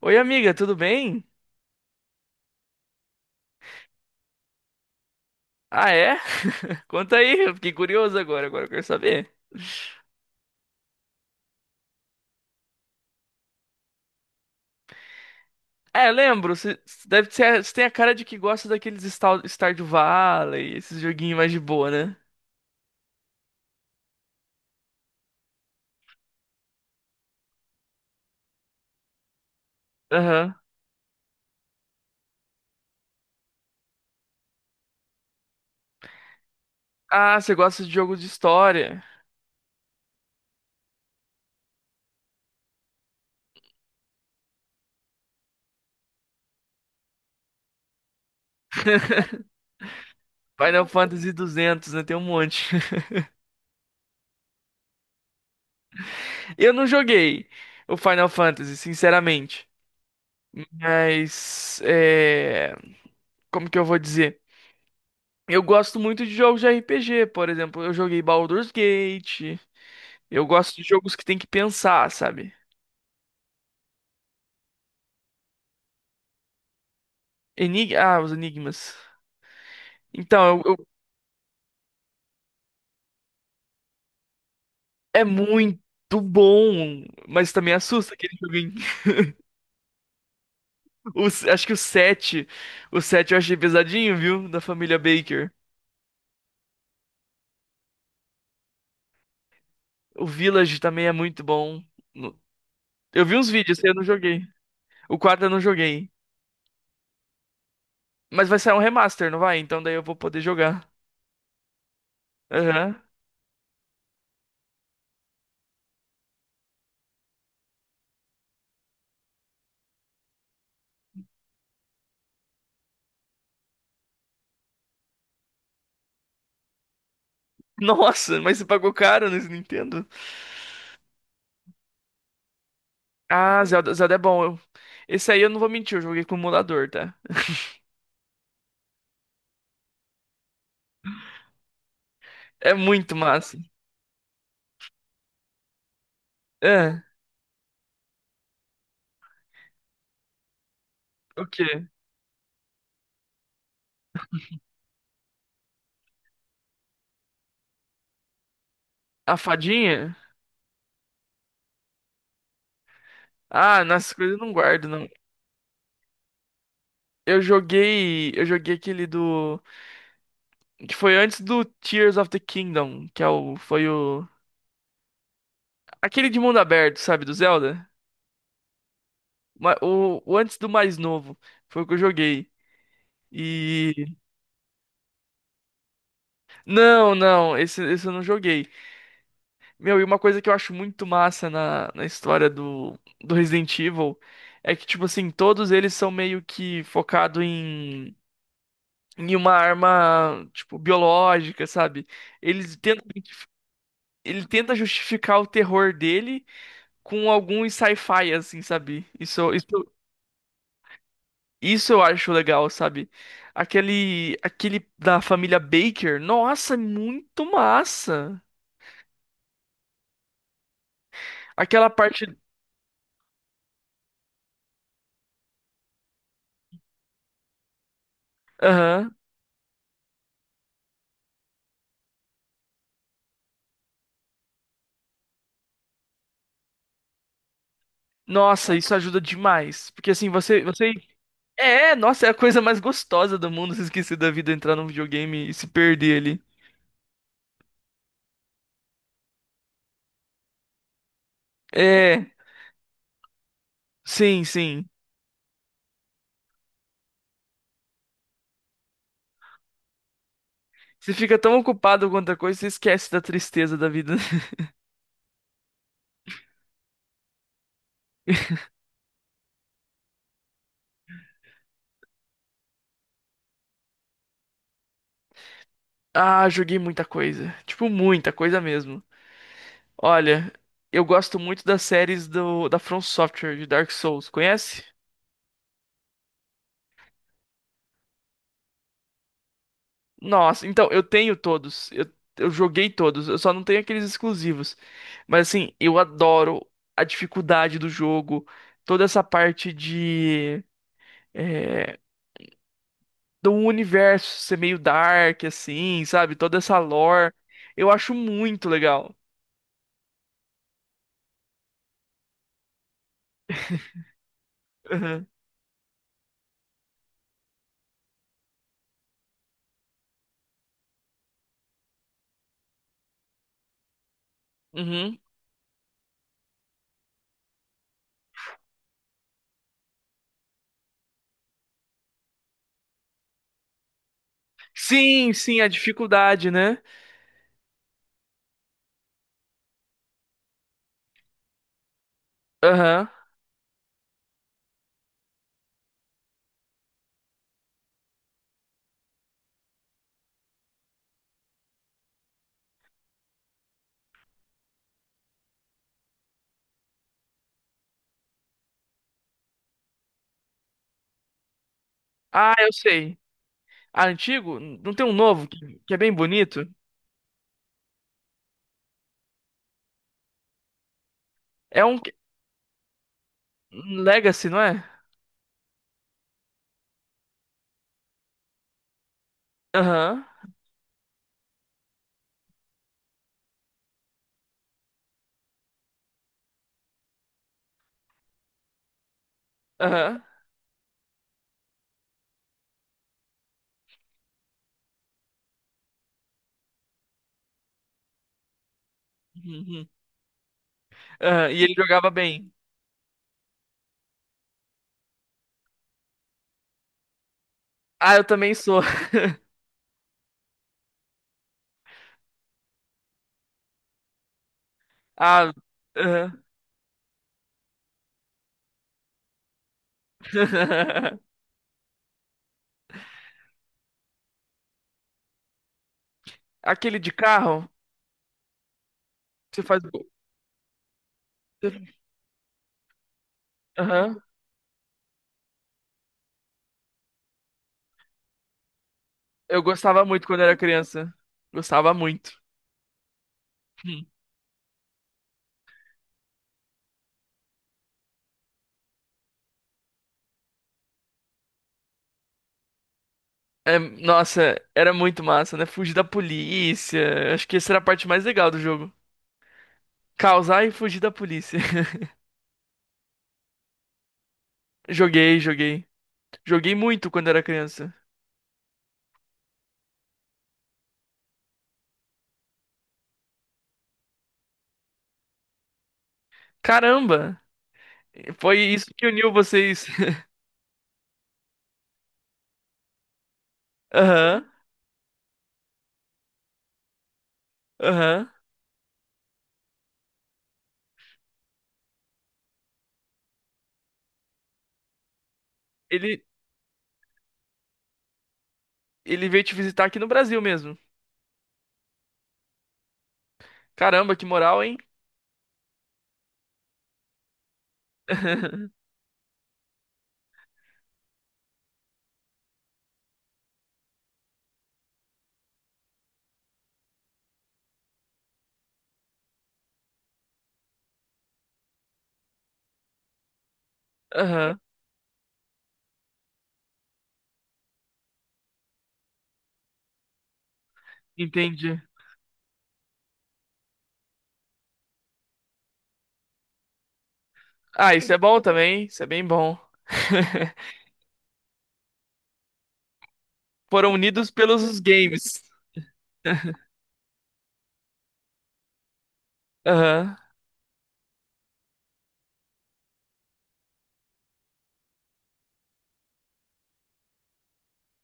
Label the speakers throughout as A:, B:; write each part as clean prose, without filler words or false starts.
A: Oi, amiga, tudo bem? Ah, é? Conta aí, eu fiquei curioso agora, agora eu quero saber. É, lembro, você deve ser, você tem a cara de que gosta daqueles Stardew Valley, esses joguinhos mais de boa, né? Aham. Ah, você gosta de jogos de história. Final Fantasy 200, né? Tem um monte. Eu não joguei o Final Fantasy, sinceramente. Mas, como que eu vou dizer? Eu gosto muito de jogos de RPG. Por exemplo, eu joguei Baldur's Gate. Eu gosto de jogos que tem que pensar, sabe? Ah, os enigmas. Então, é muito bom, mas também assusta aquele joguinho. Acho que o 7, o 7 eu achei pesadinho, viu? Da família Baker. O Village também é muito bom. No- Eu vi uns vídeos, esse eu não joguei. O 4 eu não joguei. Mas vai sair um remaster, não vai? Então daí eu vou poder jogar. Aham. Nossa, mas você pagou caro nesse Nintendo? Ah, Zelda, Zelda é bom. Esse aí eu não vou mentir, eu joguei com o emulador, tá? É muito massa. É, o quê? A fadinha? Ah, nessas coisas eu não guardo, não. Eu joguei aquele do Tears of the Kingdom, que é o foi o aquele de mundo aberto, sabe, do Zelda? O antes do mais novo foi o que eu joguei. E não, não, esse eu não joguei. Meu, e uma coisa que eu acho muito massa na história do Resident Evil é que, tipo assim, todos eles são meio que focado em uma arma, tipo, biológica, sabe? Eles tentam, ele tenta justificar o terror dele com algum sci-fi, assim, sabe? Isso, isso eu acho legal, sabe? Aquele da família Baker, nossa, é muito massa. Aquela parte, aham. Nossa, isso ajuda demais, porque assim, você é, nossa, é a coisa mais gostosa do mundo, se esquecer da vida, entrar num videogame e se perder ali. É, sim. Você fica tão ocupado com outra coisa, você esquece da tristeza da vida. Ah, joguei muita coisa. Tipo, muita coisa mesmo. Olha, eu gosto muito das séries da From Software, de Dark Souls. Conhece? Nossa, então, eu tenho todos. Eu joguei todos. Eu só não tenho aqueles exclusivos. Mas, assim, eu adoro a dificuldade do jogo. Toda essa parte de... é, do universo ser meio dark, assim, sabe? Toda essa lore. Eu acho muito legal. Uhum. Sim, a dificuldade, né? Aham. Ah, eu sei. Ah, antigo? Não tem um novo que é bem bonito? É um que- um Legacy, não é? Aham, aham. Uhum. Aham, e ele jogava bem. Ah, eu também sou. Ah, aham. Aquele de carro, você faz gol. Você- Aham. Eu gostava muito quando era criança. Gostava muito. Hum. É, nossa, era muito massa, né? Fugir da polícia. Acho que essa era a parte mais legal do jogo. Causar e fugir da polícia. Joguei. Joguei muito quando era criança. Caramba! Foi isso que uniu vocês. Aham, aham. Ele, ele veio te visitar aqui no Brasil mesmo. Caramba, que moral, hein? Aham, entendi. Ah, isso é bom também. Isso é bem bom. Foram unidos pelos games. Aham.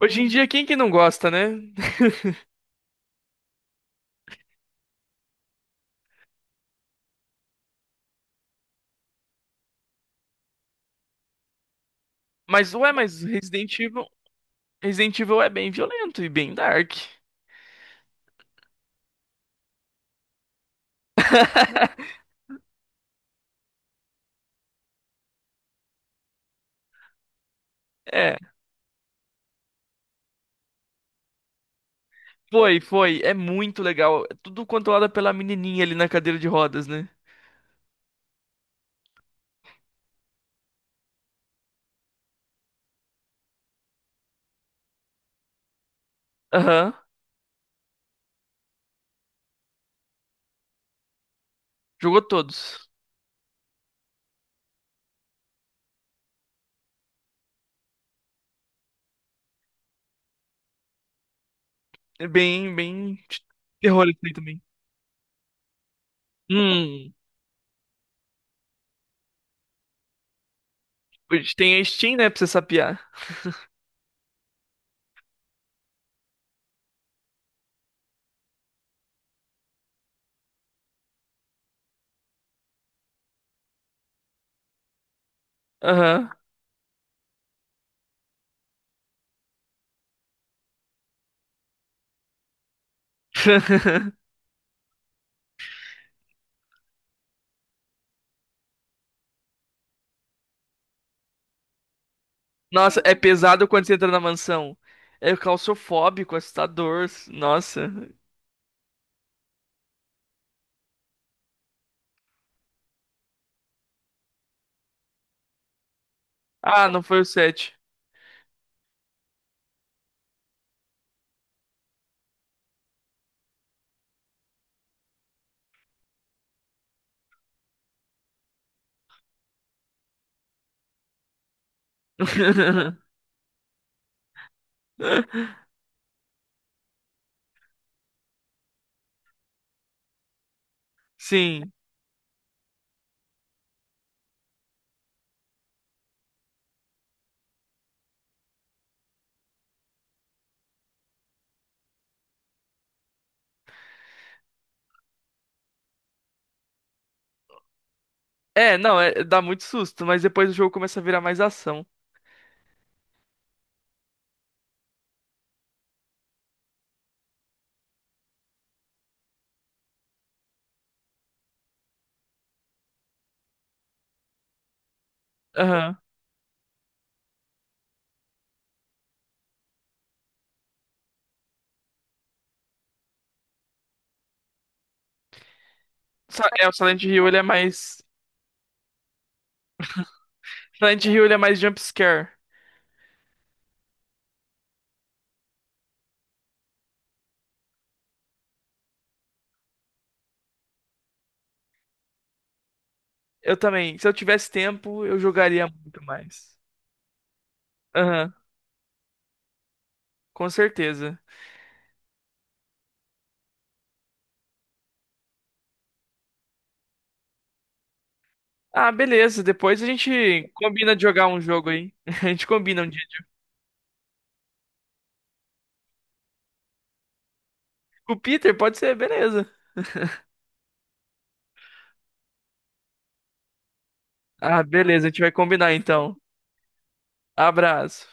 A: Hoje em dia, quem que não gosta, né? Mas, ué, Resident Evil é bem violento e bem dark. É. Foi. É muito legal. É tudo controlado pela menininha ali na cadeira de rodas, né? Aham. Jogou todos. É bem de terror isso aí também. Hum. Hoje tem a Steam, né, pra você sapear. Aham. Nossa, é pesado quando você entra na mansão. É claustrofóbico, assustador. Nossa. Ah, não foi o 7. Sim. É, não, é- dá muito susto, mas depois o jogo começa a virar mais ação. Aham. Sa- É, o Silent Hill, ele é mais Silent Hill ele é mais jumpscare. Eu também. Se eu tivesse tempo, eu jogaria muito mais. Aham, com certeza. Ah, beleza. Depois a gente combina de jogar um jogo aí. A gente combina um dia. Com o Peter, pode ser, beleza. Ah, beleza. A gente vai combinar então. Abraço.